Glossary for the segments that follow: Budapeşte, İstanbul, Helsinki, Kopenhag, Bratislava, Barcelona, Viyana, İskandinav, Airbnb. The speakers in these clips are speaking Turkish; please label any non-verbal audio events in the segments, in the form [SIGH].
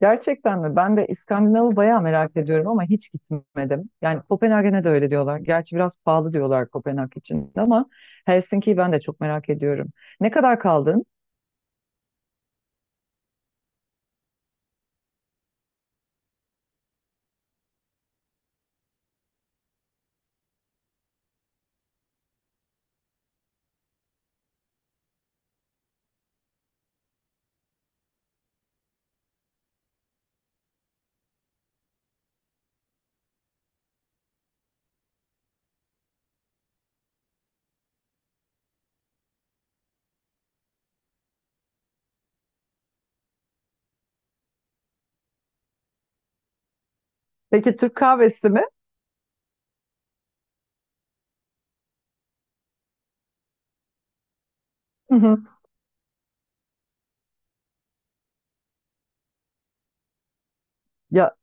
Gerçekten mi? Ben de İskandinav'ı bayağı merak ediyorum ama hiç gitmedim. Yani Kopenhag'e de öyle diyorlar. Gerçi biraz pahalı diyorlar Kopenhag için ama Helsinki'yi ben de çok merak ediyorum. Ne kadar kaldın? Peki Türk kahvesi mi? Hı hı. Ya,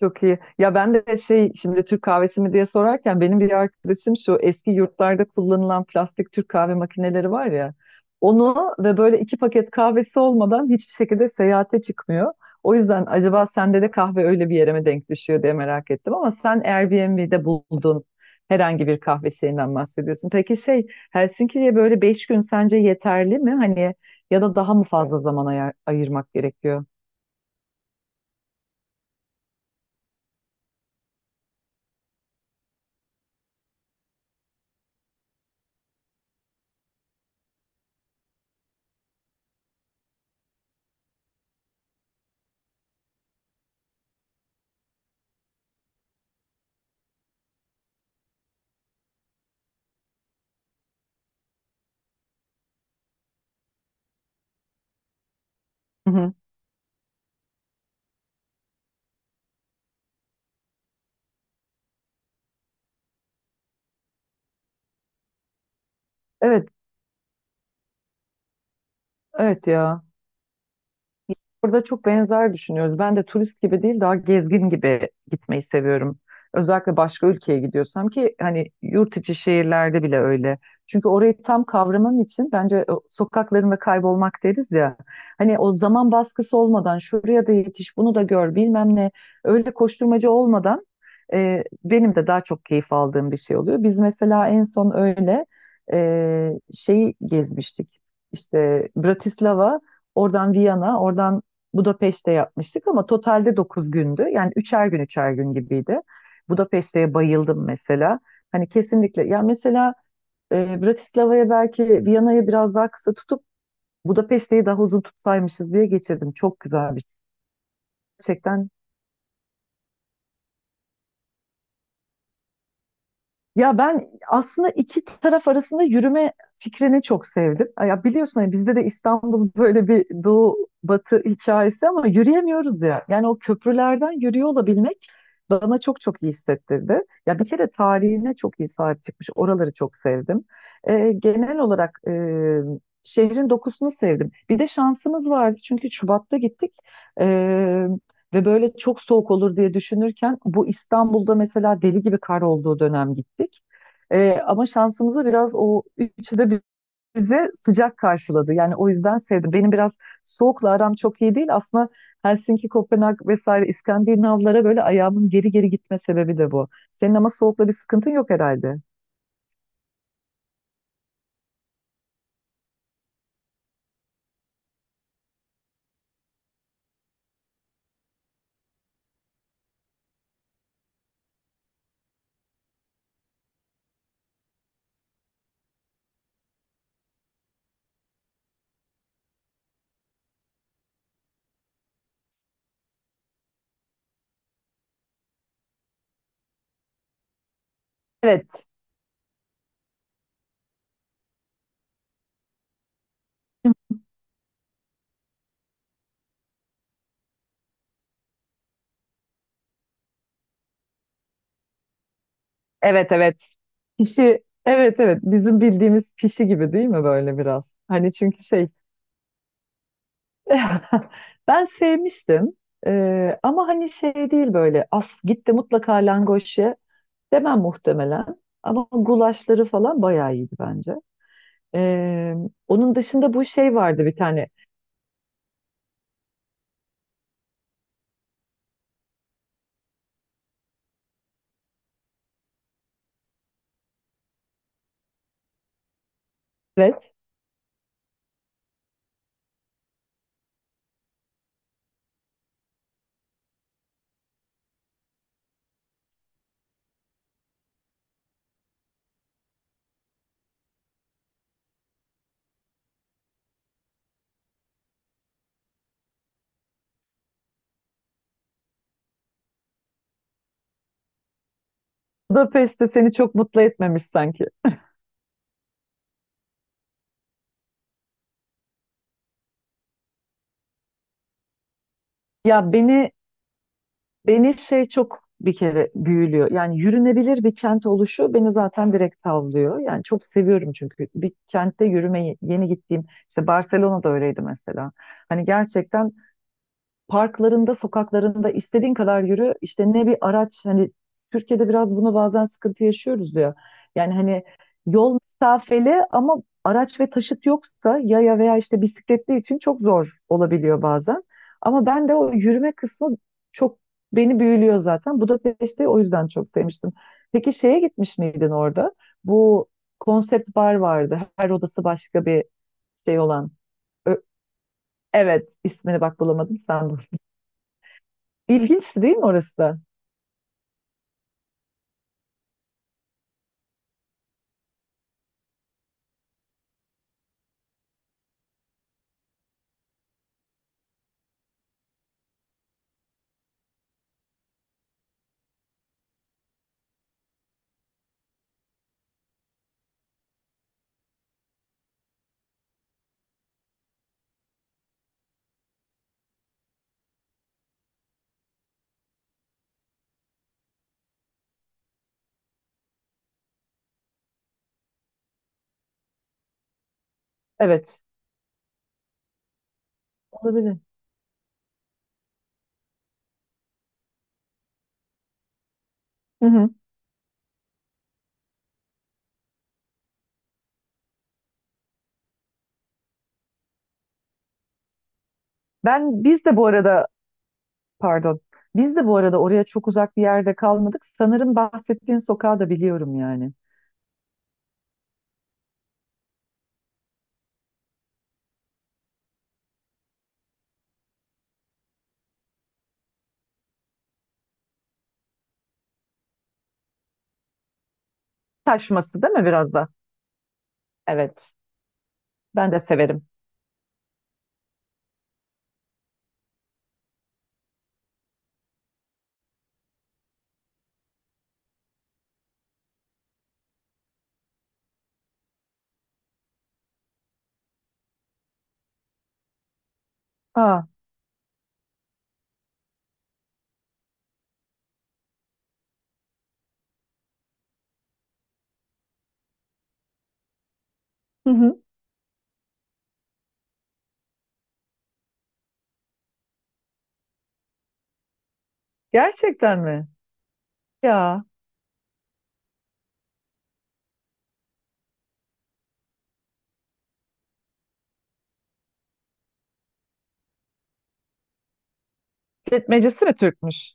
çok iyi. Ya ben de şey şimdi Türk kahvesi mi diye sorarken benim bir arkadaşım şu eski yurtlarda kullanılan plastik Türk kahve makineleri var ya onu ve böyle iki paket kahvesi olmadan hiçbir şekilde seyahate çıkmıyor. O yüzden acaba sende de kahve öyle bir yere mi denk düşüyor diye merak ettim ama sen Airbnb'de buldun herhangi bir kahve şeyinden bahsediyorsun. Peki şey Helsinki'ye böyle 5 gün sence yeterli mi? Hani ya da daha mı fazla zaman ayırmak gerekiyor? Hı hı. Evet, evet ya. Burada çok benzer düşünüyoruz. Ben de turist gibi değil daha gezgin gibi gitmeyi seviyorum. Özellikle başka ülkeye gidiyorsam ki hani yurt içi şehirlerde bile öyle. Çünkü orayı tam kavramam için bence o sokaklarında kaybolmak deriz ya. Hani o zaman baskısı olmadan şuraya da yetiş bunu da gör bilmem ne öyle koşturmacı olmadan benim de daha çok keyif aldığım bir şey oluyor. Biz mesela en son öyle şeyi gezmiştik. İşte Bratislava, oradan Viyana, oradan Budapeşte yapmıştık ama totalde 9 gündü. Yani üçer gün üçer gün gibiydi. Budapeşte'ye bayıldım mesela. Hani kesinlikle ya mesela Bratislava'ya belki Viyana'yı biraz daha kısa tutup Budapeşte'yi daha uzun tutsaymışız diye geçirdim. Çok güzel bir şey. Gerçekten. Ya ben aslında iki taraf arasında yürüme fikrini çok sevdim. Ya biliyorsun hani bizde de İstanbul [LAUGHS] böyle bir doğu batı hikayesi ama yürüyemiyoruz ya. Yani o köprülerden yürüyor olabilmek bana çok çok iyi hissettirdi. Ya bir kere tarihine çok iyi sahip çıkmış. Oraları çok sevdim. Genel olarak şehrin dokusunu sevdim. Bir de şansımız vardı çünkü Şubat'ta gittik. Ve böyle çok soğuk olur diye düşünürken bu İstanbul'da mesela deli gibi kar olduğu dönem gittik. Ama şansımıza biraz o üçü de bize sıcak karşıladı. Yani o yüzden sevdim. Benim biraz soğukla aram çok iyi değil. Aslında Helsinki, Kopenhag vesaire İskandinavlara böyle ayağımın geri geri gitme sebebi de bu. Senin ama soğukla bir sıkıntın yok herhalde. Evet, evet, evet. Pişi, evet, evet. Bizim bildiğimiz pişi gibi değil mi böyle biraz? Hani çünkü şey. [LAUGHS] Ben sevmiştim. Ama hani şey değil böyle af gitti mutlaka langoş ye demem muhtemelen. Ama gulaşları falan bayağı iyiydi bence. Ee, onun dışında bu şey vardı bir tane. Evet. Budapest'te seni çok mutlu etmemiş sanki. Ya beni şey çok bir kere büyülüyor. Yani yürünebilir bir kent oluşu beni zaten direkt tavlıyor. Yani çok seviyorum çünkü bir kentte yürümeyi yeni gittiğim işte Barcelona'da öyleydi mesela. Hani gerçekten parklarında, sokaklarında istediğin kadar yürü. İşte ne bir araç hani Türkiye'de biraz bunu bazen sıkıntı yaşıyoruz diyor. Yani hani yol mesafeli ama araç ve taşıt yoksa yaya veya işte bisikletli için çok zor olabiliyor bazen. Ama ben de o yürüme kısmı çok beni büyülüyor zaten. Budapeşte'yi o yüzden çok sevmiştim. Peki şeye gitmiş miydin orada? Bu konsept bar vardı. Her odası başka bir şey olan. Ö- Evet, ismini bak bulamadım. İlginçti değil mi orası da? Evet. Olabilir. Hı hı. Biz de bu arada pardon. Biz de bu arada oraya çok uzak bir yerde kalmadık. Sanırım bahsettiğin sokağı da biliyorum yani. Taşması değil mi biraz da? Evet. Ben de severim. Aa. Hı hı. Gerçekten mi? Ya. İşletmecisi mi Türkmüş?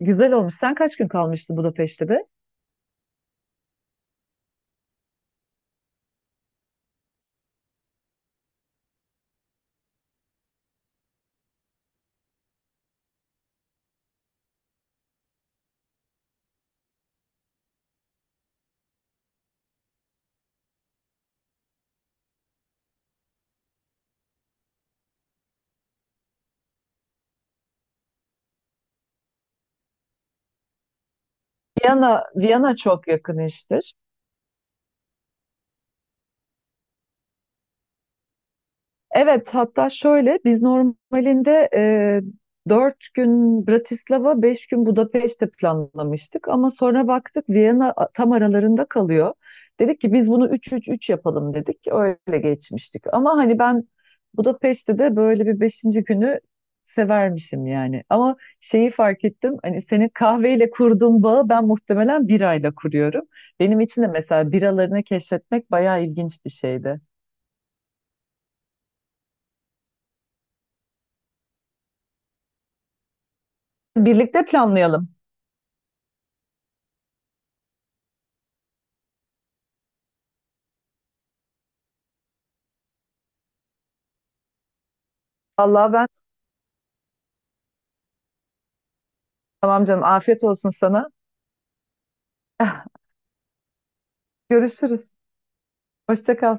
Güzel olmuş. Sen kaç gün kalmıştın Budapeşte'de? Viyana, Viyana çok yakın işte. Evet, hatta şöyle biz normalinde 4 gün Bratislava, 5 gün Budapeşte planlamıştık ama sonra baktık Viyana tam aralarında kalıyor. Dedik ki biz bunu üç üç üç yapalım dedik. Öyle geçmiştik. Ama hani ben Budapeşte de böyle bir beşinci günü severmişim yani. Ama şeyi fark ettim. Hani senin kahveyle kurduğun bağı ben muhtemelen birayla kuruyorum. Benim için de mesela biralarını keşfetmek bayağı ilginç bir şeydi. Birlikte planlayalım. Vallahi ben tamam canım afiyet olsun sana. [LAUGHS] Görüşürüz. Hoşça kal.